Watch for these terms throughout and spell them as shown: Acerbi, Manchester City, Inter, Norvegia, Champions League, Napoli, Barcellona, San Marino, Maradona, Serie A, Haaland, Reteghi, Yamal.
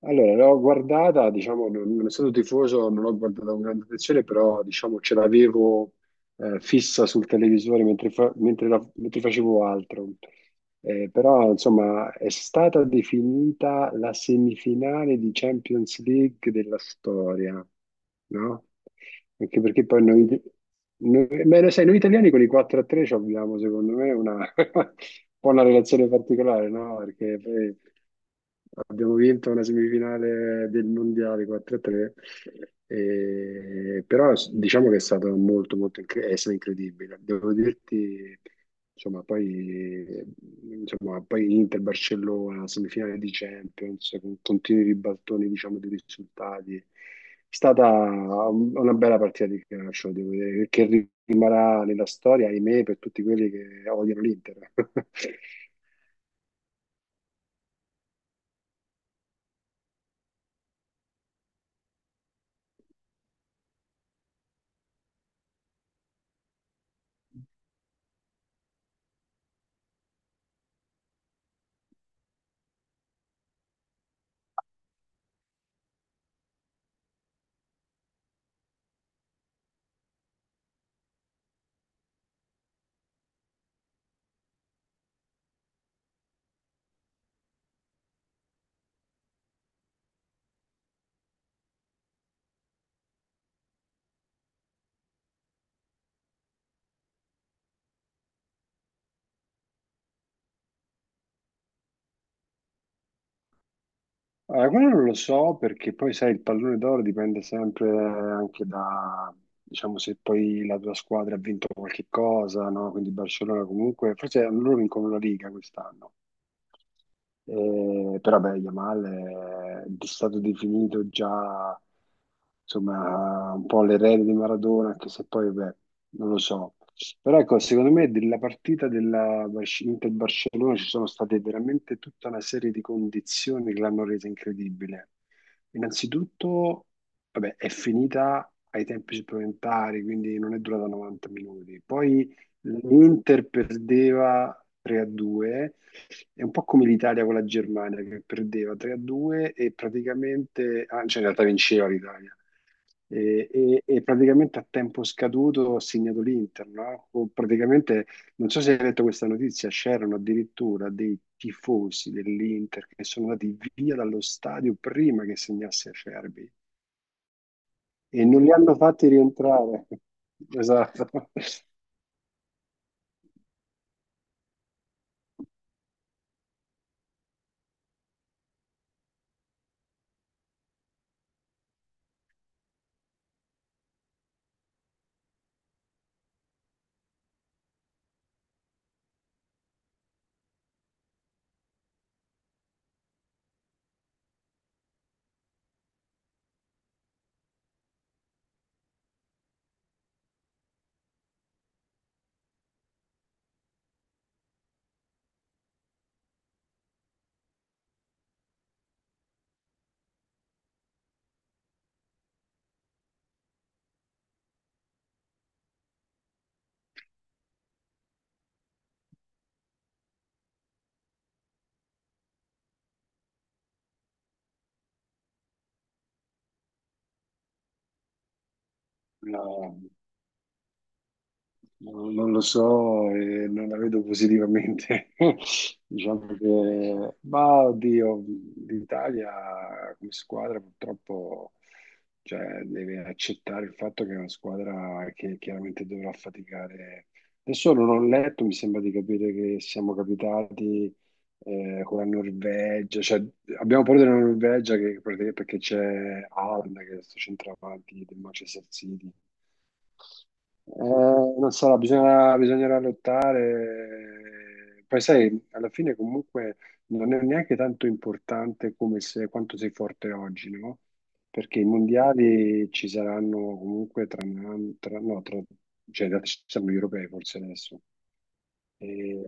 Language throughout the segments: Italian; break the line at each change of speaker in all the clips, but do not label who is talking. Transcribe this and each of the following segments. Allora, l'ho guardata, diciamo, non essendo tifoso, non l'ho guardata con grande attenzione, però diciamo ce l'avevo fissa sul televisore mentre, mentre facevo altro. Però insomma è stata definita la semifinale di Champions League della storia, no? Anche perché poi beh, lo sai, noi italiani con i 4-3 ci abbiamo secondo me una, un po' una relazione particolare, no? Perché poi abbiamo vinto una semifinale del mondiale 4-3 diciamo che è stato molto, è stato incredibile. Devo dirti, insomma, poi Inter, Barcellona, semifinale di Champions, con continui ribaltoni, diciamo, di risultati. È stata una bella partita di calcio, devo dire, che rimarrà nella storia, ahimè, per tutti quelli che odiano l'Inter. Allora, quello non lo so perché poi sai, il pallone d'oro dipende sempre anche da, diciamo, se poi la tua squadra ha vinto qualche cosa, no? Quindi Barcellona comunque, forse loro vincono la Liga quest'anno, però beh, Yamal è stato definito già insomma un po' l'erede di Maradona, anche se poi beh, non lo so. Però ecco, secondo me della partita della Inter-Barcellona ci sono state veramente tutta una serie di condizioni che l'hanno resa incredibile. Innanzitutto, vabbè, è finita ai tempi supplementari, quindi non è durata 90 minuti. Poi l'Inter perdeva 3 a 2, è un po' come l'Italia con la Germania che perdeva 3-2 e praticamente, ah, cioè in realtà vinceva l'Italia, e praticamente a tempo scaduto ha segnato l'Inter, no? O praticamente, non so se hai letto questa notizia, c'erano addirittura dei tifosi dell'Inter che sono andati via dallo stadio prima che segnasse Acerbi e non li hanno fatti rientrare. Esatto. No. Non lo so, e non la vedo positivamente. Diciamo che, ma oddio, l'Italia come squadra purtroppo cioè, deve accettare il fatto che è una squadra che chiaramente dovrà faticare. Adesso non ho letto, mi sembra di capire che siamo capitati con la Norvegia, cioè, abbiamo paura della Norvegia perché c'è Haaland che è questo centravanti del Manchester City. Eh, Non sarà, bisognerà lottare. Poi sai, alla fine comunque non è neanche tanto importante come se, quanto sei forte oggi, no? Perché i mondiali ci saranno comunque tra, un anno- tra- no, tra, cioè, in realtà ci saranno gli europei forse adesso. E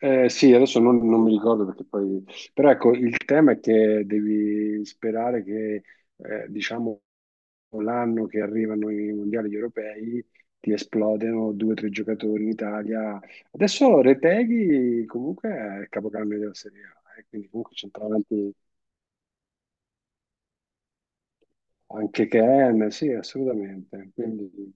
Sì, adesso non mi ricordo perché poi... Però ecco, il tema è che devi sperare che, diciamo, l'anno che arrivano i mondiali europei ti esplodano due o tre giocatori in Italia. Adesso Reteghi comunque è il capocannoniere della Serie A, quindi comunque c'entra avanti anche Ken, sì, assolutamente. Quindi,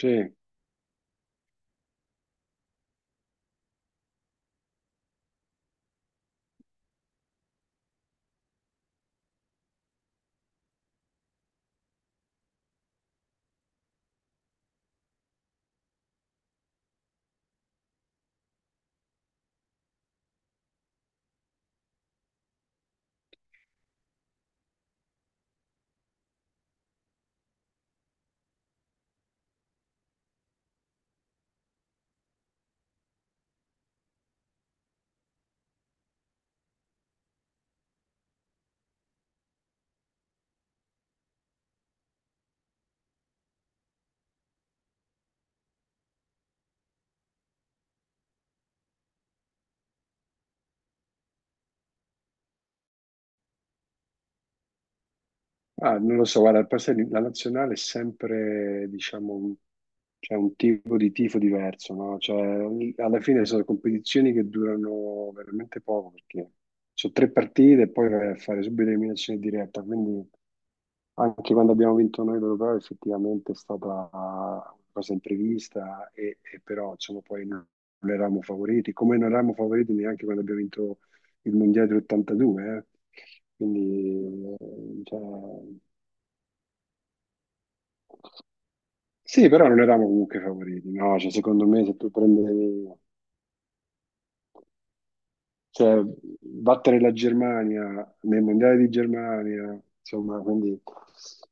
sì. Ah, non lo so, guarda, poi sai, la nazionale è sempre, diciamo, un, c'è un tipo di tifo diverso, no? Cioè, alla fine sono competizioni che durano veramente poco, perché sono tre partite e poi vai a fare subito eliminazione diretta, quindi anche quando abbiamo vinto noi l'Europeo effettivamente è stata una cosa imprevista, e però insomma, poi non eravamo favoriti, come non eravamo favoriti neanche quando abbiamo vinto il Mondiale del 82, eh? Quindi, cioè, sì, però non eravamo comunque favoriti, no? Cioè, secondo me se tu prendi, cioè, battere la Germania nel mondiale di Germania, insomma, quindi,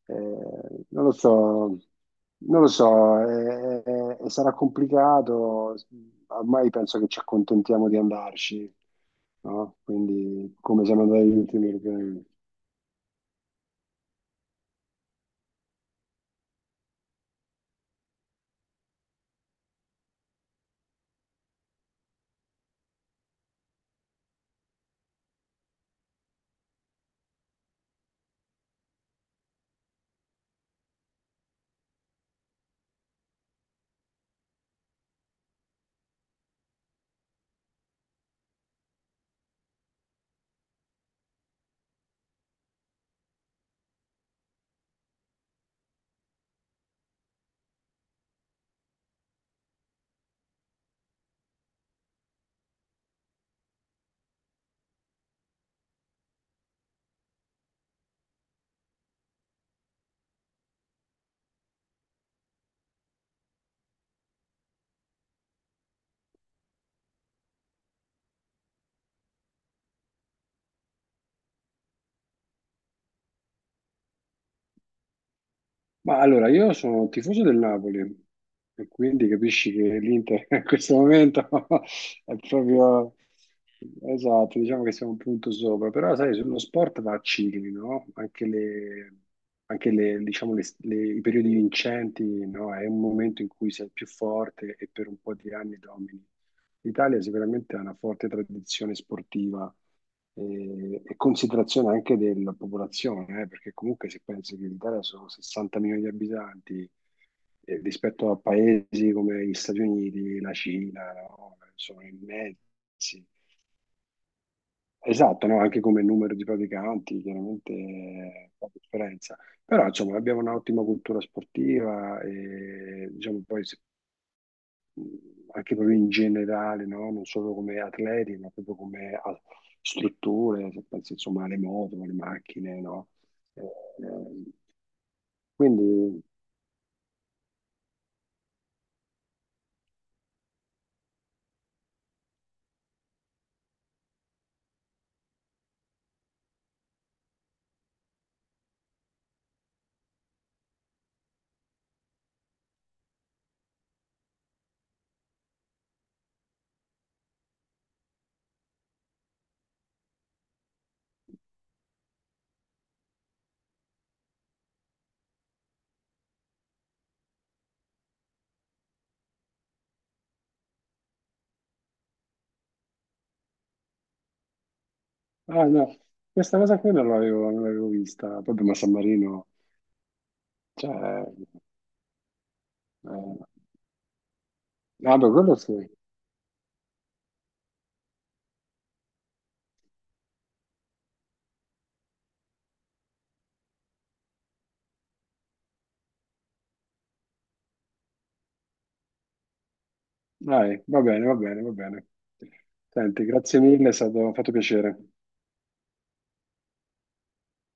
non lo so, non lo so, sarà complicato, ormai penso che ci accontentiamo di andarci, no? Quindi, come siamo andati agli ultimi europei. Ma allora, io sono tifoso del Napoli e quindi capisci che l'Inter in questo momento è proprio esatto, diciamo che siamo un punto sopra, però sai, sullo sport va a cicli, no? Diciamo, i periodi vincenti, no? È un momento in cui sei più forte e per un po' di anni domini. L'Italia sicuramente ha una forte tradizione sportiva e considerazione anche della popolazione, perché comunque se pensi che l'Italia sono 60 milioni di abitanti rispetto a paesi come gli Stati Uniti, la Cina, no? Sono immensi. Esatto, no? Anche come numero di praticanti, chiaramente fa differenza. Però insomma abbiamo un'ottima cultura sportiva e diciamo poi se anche proprio in generale, no? Non solo come atleti, ma proprio come strutture, se pensi insomma alle moto, alle macchine, no? Eh, eh, quindi, ah no, questa cosa qui non l'avevo vista, proprio ma San Marino, cioè, ah, beh, quello sì, dai, va bene, va bene. Senti, grazie mille, è stato, fatto piacere.